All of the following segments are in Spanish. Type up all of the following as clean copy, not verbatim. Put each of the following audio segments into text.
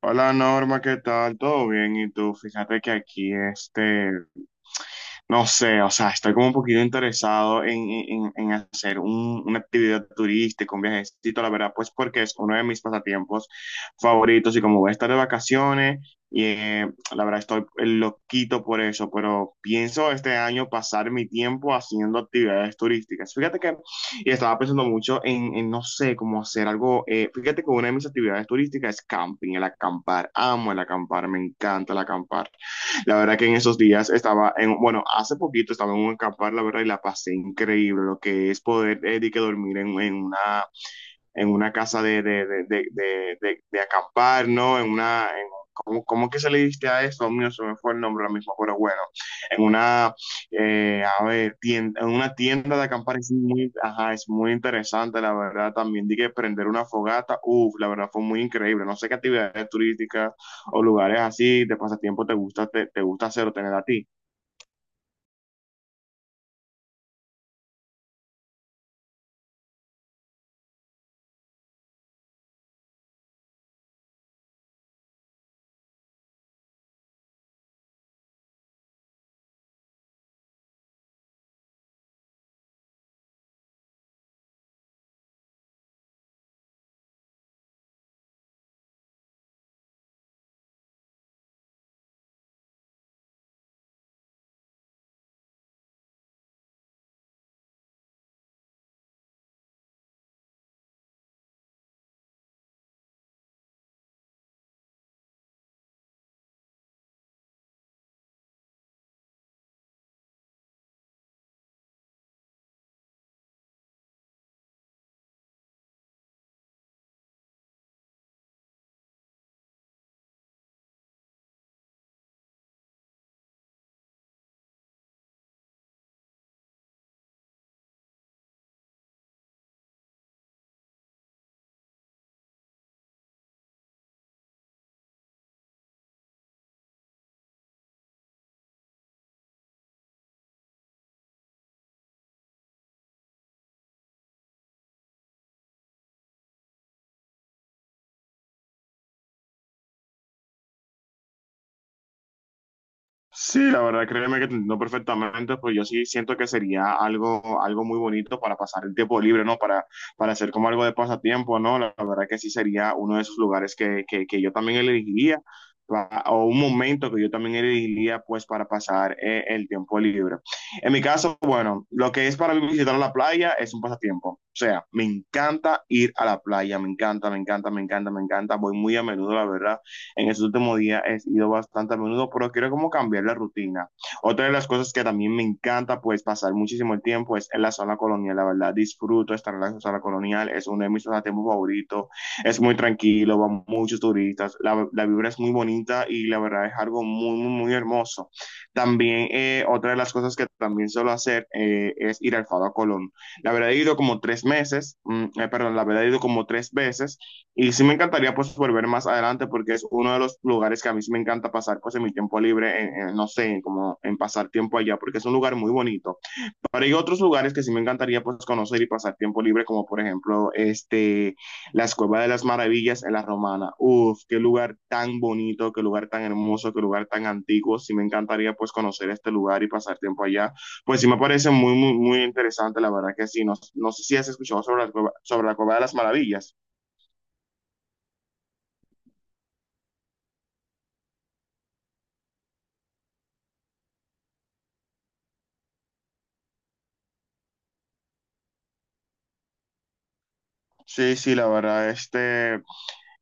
Hola Norma, ¿qué tal? ¿Todo bien? ¿Y tú? Fíjate que aquí este, no sé, o sea, estoy como un poquito interesado en hacer una actividad turística, un viajecito, la verdad, pues porque es uno de mis pasatiempos favoritos y como voy a estar de vacaciones, y la verdad estoy loquito por eso, pero pienso este año pasar mi tiempo haciendo actividades turísticas. Fíjate que y estaba pensando mucho no sé, cómo hacer algo. Fíjate que una de mis actividades turísticas es camping, el acampar. Amo el acampar, me encanta el acampar. La verdad que en esos días estaba en, bueno, hace poquito estaba en un acampar, la verdad, y la pasé increíble, lo que es poder de que dormir en una en una casa de acampar, ¿no? En una, en, ¿cómo, cómo que se le diste a eso? Mío, se me fue el nombre lo mismo, pero bueno, en una, a ver, tienda, en una tienda de acampar es muy, ajá, es muy interesante, la verdad, también dije prender una fogata, uff, la verdad fue muy increíble, no sé qué actividades turísticas o lugares así de pasatiempo te gusta, te gusta hacer o tener a ti. Sí, la verdad, créeme que te entiendo perfectamente, pues yo sí siento que sería algo, algo muy bonito para pasar el tiempo libre, ¿no? Para hacer como algo de pasatiempo, ¿no? La verdad que sí sería uno de esos lugares que yo también elegiría, o un momento que yo también elegiría, pues, para pasar el tiempo libre. En mi caso, bueno, lo que es para mí visitar la playa es un pasatiempo. O sea, me encanta ir a la playa, me encanta, me encanta, me encanta, me encanta, voy muy a menudo, la verdad en estos últimos días he ido bastante a menudo, pero quiero como cambiar la rutina. Otra de las cosas que también me encanta, pues pasar muchísimo el tiempo es en la zona colonial, la verdad, disfruto estar en la zona colonial, es uno de mis pasatiempos favoritos, es muy tranquilo, van muchos turistas, vibra es muy bonita y la verdad es algo muy, muy, muy hermoso. También otra de las cosas que también suelo hacer es ir al Fado a Colón. La verdad he ido como tres meses, perdón, la verdad he ido como tres veces y sí me encantaría pues volver más adelante porque es uno de los lugares que a mí sí me encanta pasar pues en mi tiempo libre, no sé, como en pasar tiempo allá porque es un lugar muy bonito. Pero hay otros lugares que sí me encantaría pues conocer y pasar tiempo libre como por ejemplo este, la Cueva de las Maravillas en La Romana. Uf, qué lugar tan bonito, qué lugar tan hermoso, qué lugar tan antiguo. Sí me encantaría pues conocer este lugar y pasar tiempo allá. Pues sí me parece muy, muy, muy interesante, la verdad que sí. No, no sé si has escuchado sobre sobre la Cueva de las Maravillas. Sí, sí, la verdad, este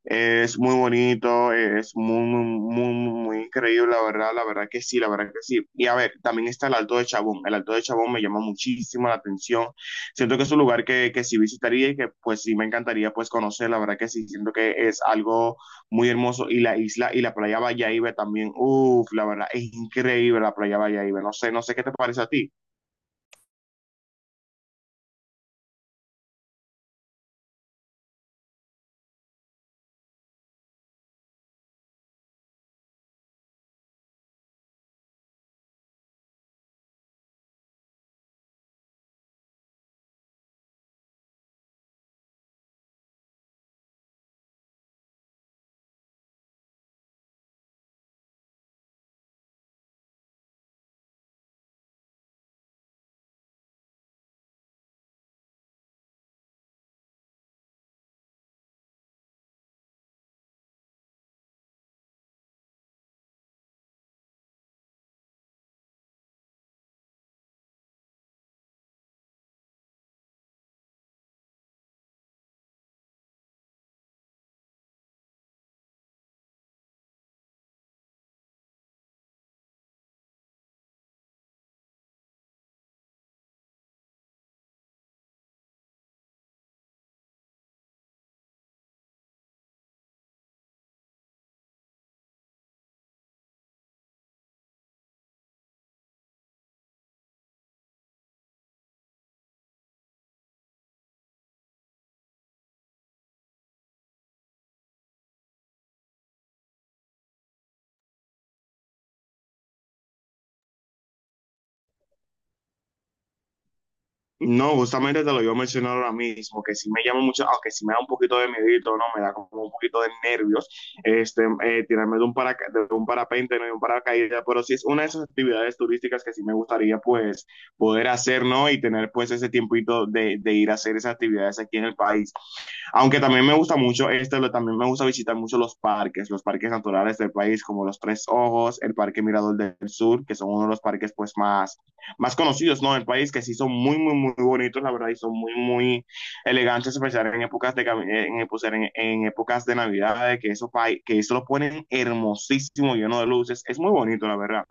es muy bonito, es muy, muy, muy, muy increíble, la verdad que sí, la verdad que sí. Y a ver, también está el Alto de Chabón. El Alto de Chabón me llama muchísimo la atención. Siento que es un lugar que sí visitaría y que pues sí me encantaría pues conocer, la verdad que sí, siento que es algo muy hermoso. Y la isla y la playa Bayaibe también, uff, la verdad, es increíble la playa Bayaibe. No sé, no sé qué te parece a ti. No, justamente te lo iba a mencionar ahora mismo, que sí me llama mucho, aunque sí me da un poquito de miedito, ¿no? Me da como un poquito de nervios, este, tirarme de un, paraca de un parapente, ¿no? De un paracaídas, pero sí es una de esas actividades turísticas que sí me gustaría, pues, poder hacer, ¿no? Y tener, pues, ese tiempito de ir a hacer esas actividades aquí en el país. Aunque también me gusta mucho, también me gusta visitar mucho los parques naturales del país, como los Tres Ojos, el Parque Mirador del Sur, que son uno de los parques pues más, más conocidos, ¿no? Del país, que sí son muy, muy, muy bonitos, la verdad, y son muy, muy elegantes, especialmente en épocas de, en, pues, en épocas de Navidad, que eso, que eso lo ponen hermosísimo, lleno de luces, es muy bonito, la verdad.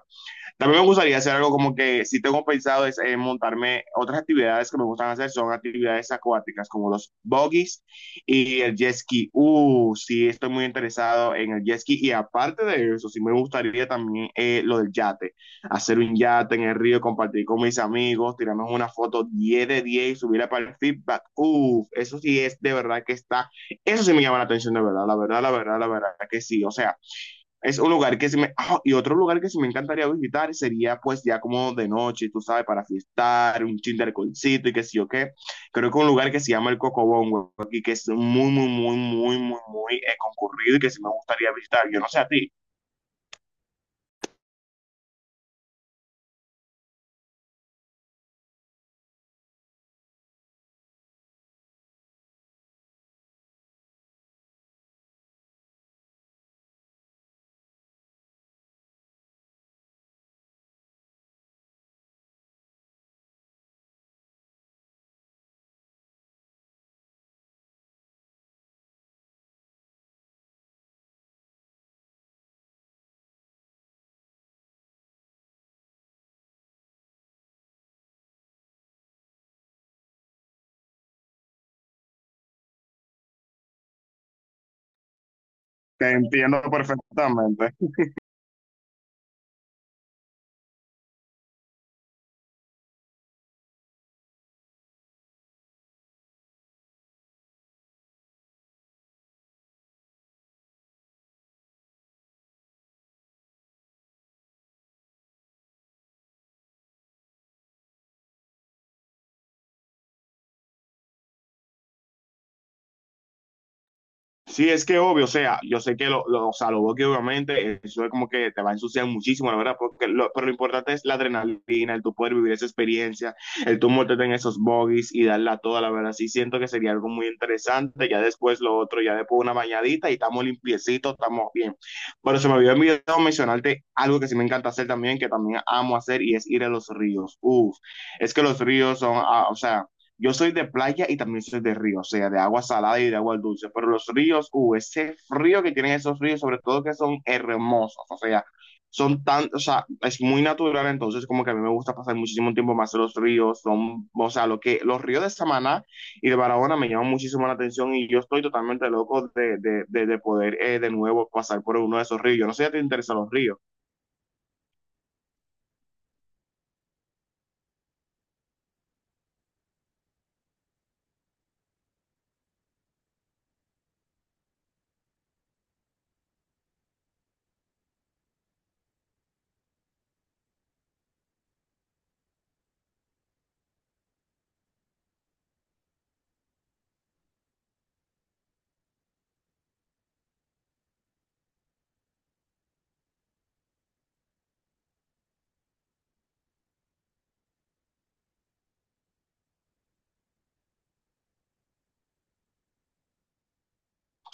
También me gustaría hacer algo como que si tengo pensado es montarme otras actividades que me gustan hacer, son actividades acuáticas como los buggies y el jet ski. Sí, estoy muy interesado en el jet ski y aparte de eso, sí me gustaría también lo del yate, hacer un yate en el río, compartir con mis amigos, tirarnos una foto 10 de 10 y subirla para el feedback. Eso sí es de verdad que está, eso sí me llama la atención de verdad, la verdad, la verdad, la verdad que sí. O sea, es un lugar que sí me... ah, y otro lugar que sí me encantaría visitar sería pues ya como de noche, tú sabes, para fiestar, un chin de alcoholcito y qué sé yo qué. Creo que un lugar que se llama el Cocobongo y que es muy, muy, muy, muy, muy, muy concurrido y que sí me gustaría visitar. Yo no sé a ti. Te entiendo perfectamente. Sí, es que obvio, o sea, yo sé que o sea, lo veo que obviamente eso es como que te va a ensuciar muchísimo, la verdad, porque lo, pero lo importante es la adrenalina, el tú poder vivir esa experiencia, el tú montarte en esos bogies y darla toda, la verdad, sí siento que sería algo muy interesante, ya después lo otro, ya después una bañadita y estamos limpiecitos, estamos bien. Pero se me había olvidado mencionarte algo que sí me encanta hacer también, que también amo hacer y es ir a los ríos. Uf, es que los ríos son, ah, o sea, yo soy de playa y también soy de río, o sea, de agua salada y de agua dulce, pero los ríos, ese frío que tienen esos ríos, sobre todo que son hermosos, o sea, son tan, o sea, es muy natural, entonces como que a mí me gusta pasar muchísimo tiempo más en los ríos, son, o sea, lo que, los ríos de Samaná y de Barahona me llaman muchísimo la atención y yo estoy totalmente loco de poder de nuevo pasar por uno de esos ríos. Yo no sé si te interesan los ríos.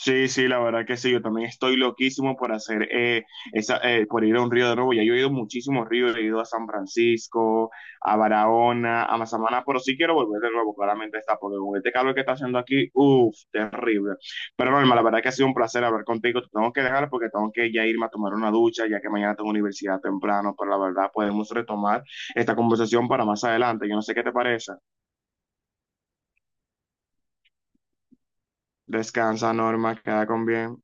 Sí, sí, la verdad que sí, yo también estoy loquísimo por hacer por ir a un río de nuevo. Ya yo he ido a muchísimos ríos, he ido a San Francisco, a Barahona, a Mazamana, pero sí quiero volver de nuevo, claramente está, porque con este calor que está haciendo aquí, uff, terrible. Pero Norma, la verdad que ha sido un placer hablar contigo. Te tengo que dejar porque tengo que ya irme a tomar una ducha, ya que mañana tengo universidad temprano, pero la verdad podemos retomar esta conversación para más adelante. Yo no sé qué te parece. Descansa, Norma, queda con bien.